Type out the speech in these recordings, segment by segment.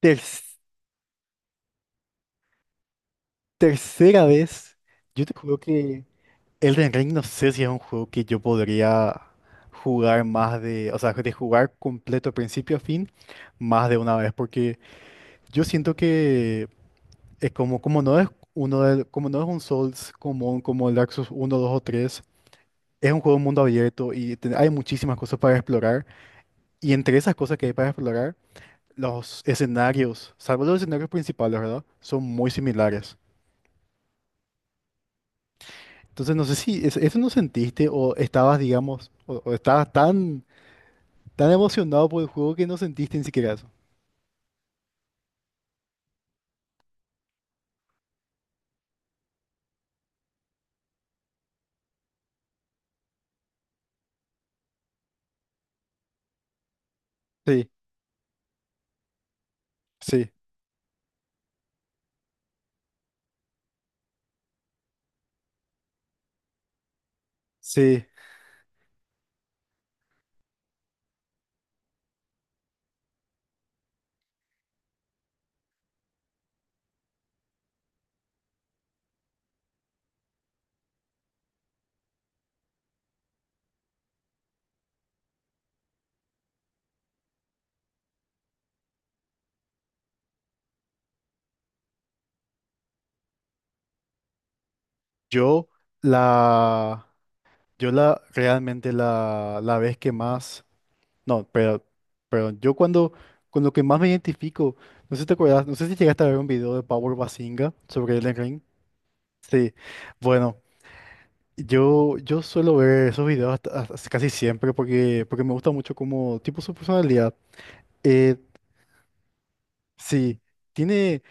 ter- tercera vez, yo te juro que Elden Ring no sé si es un juego que yo podría jugar más de, o sea, de jugar completo principio a fin más de una vez, porque yo siento que es como no es como no es un Souls común como el Dark Souls 1, 2 o 3. Es un juego de mundo abierto hay muchísimas cosas para explorar, y entre esas cosas que hay para explorar, los escenarios, salvo los escenarios principales, ¿verdad? Son muy similares. Entonces no sé si eso no sentiste o estabas, digamos, o estabas tan emocionado por el juego que no sentiste ni siquiera eso. Sí, sí, sí. Yo la, yo la, realmente la vez que más, no, pero, perdón, yo cuando, con lo que más me identifico, no sé si te acuerdas, no sé si llegaste a ver un video de Power Basinga sobre Elden Ring. Sí, bueno, yo suelo ver esos videos casi siempre porque me gusta mucho como tipo su personalidad. Eh, Sí tiene,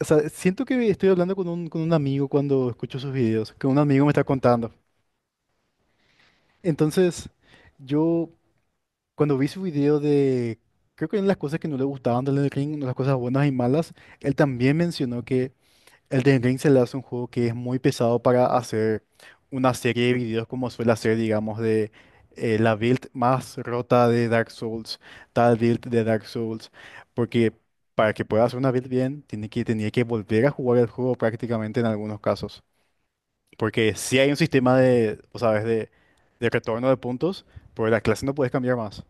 o sea, siento que estoy hablando con un amigo cuando escucho sus videos, que un amigo me está contando. Entonces, yo cuando vi su video de, creo que en las cosas que no le gustaban de Elden Ring, las cosas buenas y malas, él también mencionó que Elden Ring se le hace un juego que es muy pesado para hacer una serie de videos como suele hacer, digamos, de la build más rota de Dark Souls, tal build de Dark Souls, porque para que pueda hacer una build bien, tiene que, tenía que volver a jugar el juego prácticamente en algunos casos. Porque si hay un sistema de, o sabes, de retorno de puntos, pero la clase no puedes cambiar más.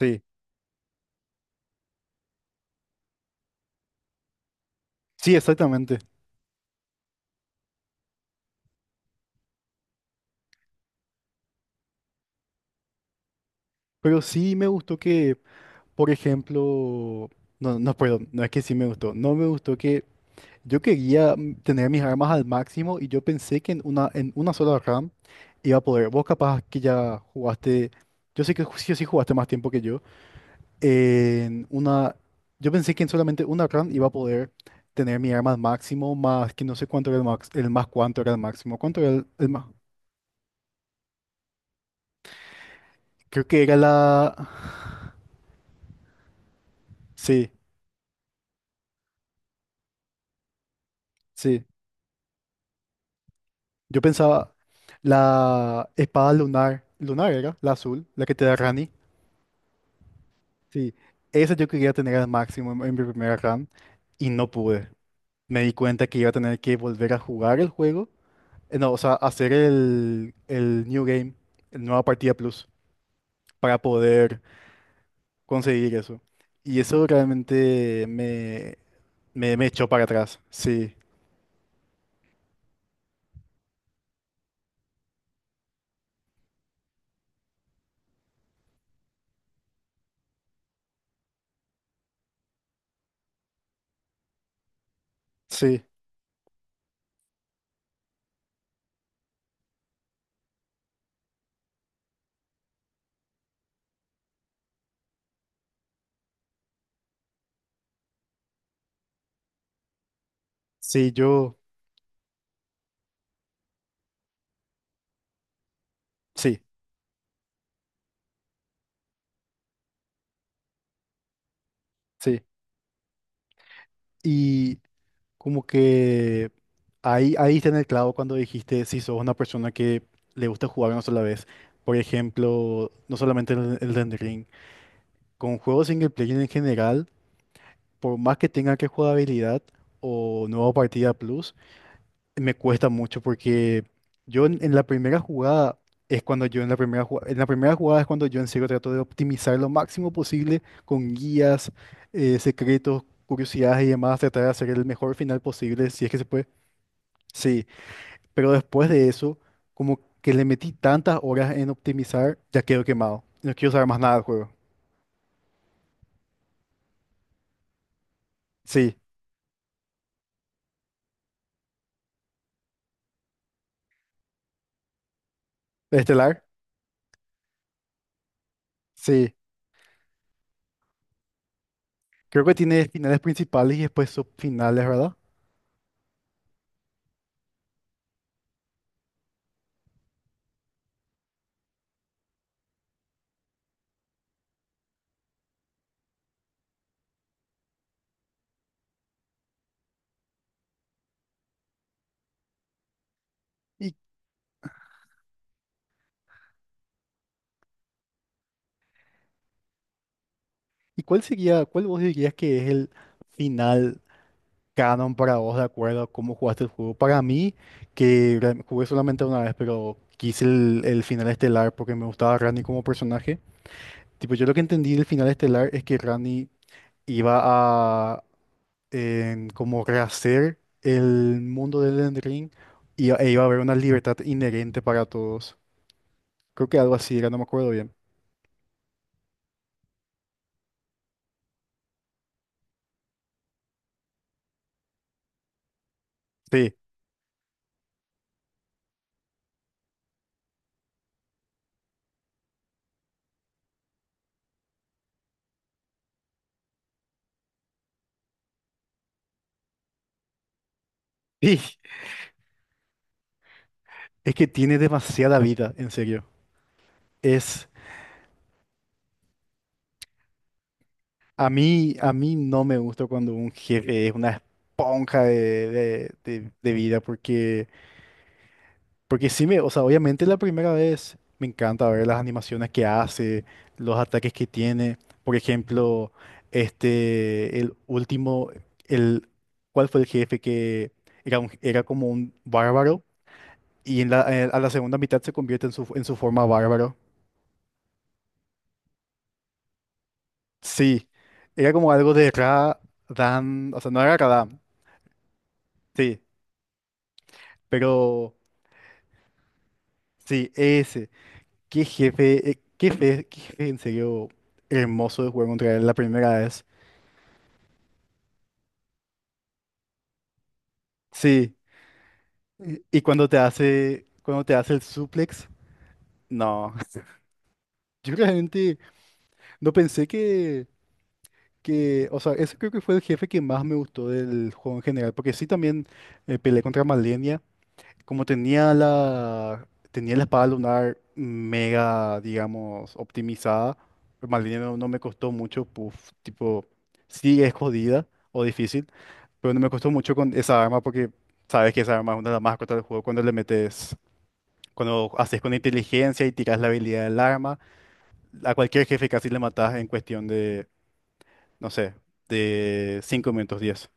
Sí, sí, exactamente. Pero sí me gustó que, por ejemplo, no, no, perdón, no es que sí me gustó, no me gustó que yo quería tener mis armas al máximo y yo pensé que en una sola RAM iba a poder. Vos capaz que ya jugaste, yo sé que sí o sí jugaste más tiempo que yo. En una, yo pensé que en solamente una RAM iba a poder tener mi arma al máximo, más que no sé cuánto era el max, el más cuánto era el máximo. ¿Cuánto era el más? Creo que era la... Sí, sí. Yo pensaba la espada lunar, lunar era, la azul, la que te da Rani. Sí, esa yo quería tener al máximo en mi primera RAM. Y no pude. Me di cuenta que iba a tener que volver a jugar el juego, no, o sea, hacer el New Game, el Nueva Partida Plus, para poder conseguir eso. Y eso realmente me echó para atrás. Sí, sí, sí, yo, sí, sí. Y como que ahí está en el clavo cuando dijiste si sos una persona que le gusta jugar una sola vez. Por ejemplo, no solamente el Elden Ring, con juegos single player en general por más que tenga que jugabilidad o nueva partida plus, me cuesta mucho porque yo en la primera jugada es cuando yo en la primera jugada, es cuando yo en serio trato de optimizar lo máximo posible con guías, secretos, curiosidades y demás, tratar de hacer el mejor final posible si es que se puede. Sí, pero después de eso, como que le metí tantas horas en optimizar, ya quedo quemado. No quiero saber más nada del juego. Sí, Estelar. Sí. Creo que tiene finales principales y después subfinales, ¿verdad? ¿Y, y cuál sería, cuál vos dirías que es el final canon para vos, de acuerdo a cómo jugaste el juego? Para mí, que jugué solamente una vez, pero quise el final estelar porque me gustaba Rani como personaje. Tipo, yo lo que entendí del final estelar es que Rani iba a como rehacer el mundo del Elden Ring y, e iba a haber una libertad inherente para todos. Creo que algo así era, no me acuerdo bien. Sí. Es que tiene demasiada vida, en serio. Es, a mí no me gusta cuando un jefe es una esponja de, de vida, porque sí me, o sea, obviamente la primera vez me encanta ver las animaciones que hace, los ataques que tiene. Por ejemplo, este, el último, el, ¿cuál fue el jefe que era, era como un bárbaro? Y en a la segunda mitad se convierte en su, forma bárbaro. Sí, era como algo de Ra, Dan, o sea, no era Radam, sí, pero sí, ese. Qué jefe, qué jefe en serio hermoso de jugar contra él la primera vez. Sí, y cuando te hace el suplex, no. Yo realmente no pensé que, o sea, ese creo que fue el jefe que más me gustó del juego en general, porque sí también peleé contra Malenia. Como tenía la espada lunar mega, digamos, optimizada, Malenia no, no me costó mucho, puf, tipo, sí es jodida o difícil, pero no me costó mucho con esa arma porque sabes que esa arma es una de las más cortas del juego cuando le metes, cuando haces con inteligencia y tiras la habilidad del arma, a cualquier jefe casi le matas en cuestión de, no sé, de 5 minutos 10.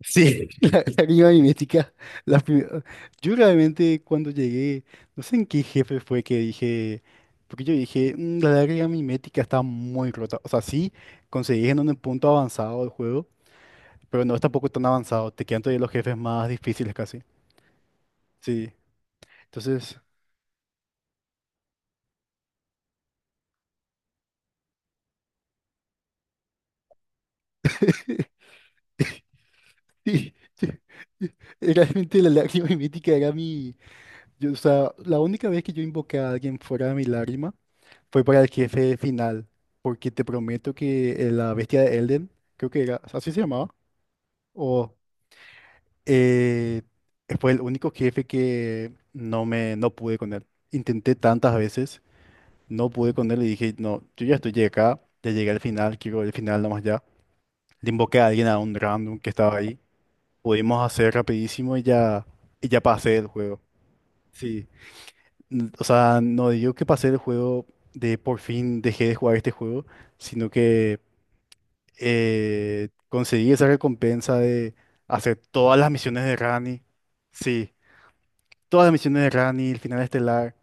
Sí, la clima mimética. la pri- yo realmente cuando llegué, no sé en qué jefe fue que dije, porque yo dije, "Mm, la lágrima mimética está muy rota. O sea, sí, conseguís en un punto avanzado del juego, pero no es tampoco tan avanzado. Te quedan todavía los jefes más difíciles casi. Sí, entonces, sí, sí, sí, realmente la lágrima mimética era mi... yo, o sea, la única vez que yo invoqué a alguien fuera de mi lágrima fue para el jefe final, porque te prometo que la bestia de Elden, creo que era, así se llamaba, o eh, fue el único jefe que no pude con él. Intenté tantas veces, no pude con él y dije, no, yo ya estoy acá, ya llegué al final, quiero el final nomás ya. Le invoqué a alguien a un random que estaba ahí, pudimos hacer rapidísimo y ya pasé el juego. Sí, o sea, no digo que pasé el juego de por fin dejé de jugar este juego, sino que conseguí esa recompensa de hacer todas las misiones de Rani. Sí, todas las misiones de Rani, el final estelar.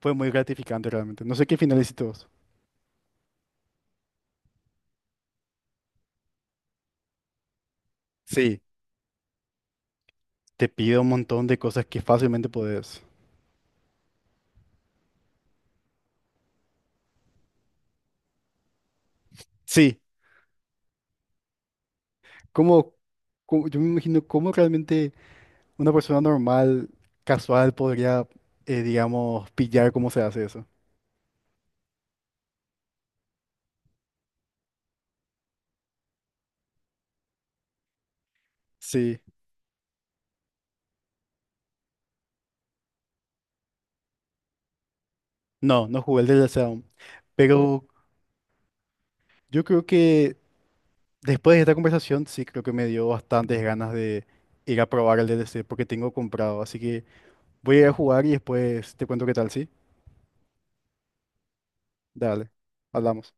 Fue muy gratificante realmente. No sé qué final hiciste vos. Sí, te pido un montón de cosas que fácilmente podés. Sí, como, yo me imagino cómo realmente una persona normal, casual, podría, digamos, pillar cómo se hace eso. Sí, no, no jugué el DLC aún. Pero yo creo que después de esta conversación, sí creo que me dio bastantes ganas de ir a probar el DLC porque tengo comprado. Así que voy a ir a jugar y después te cuento qué tal, ¿sí? Dale, hablamos.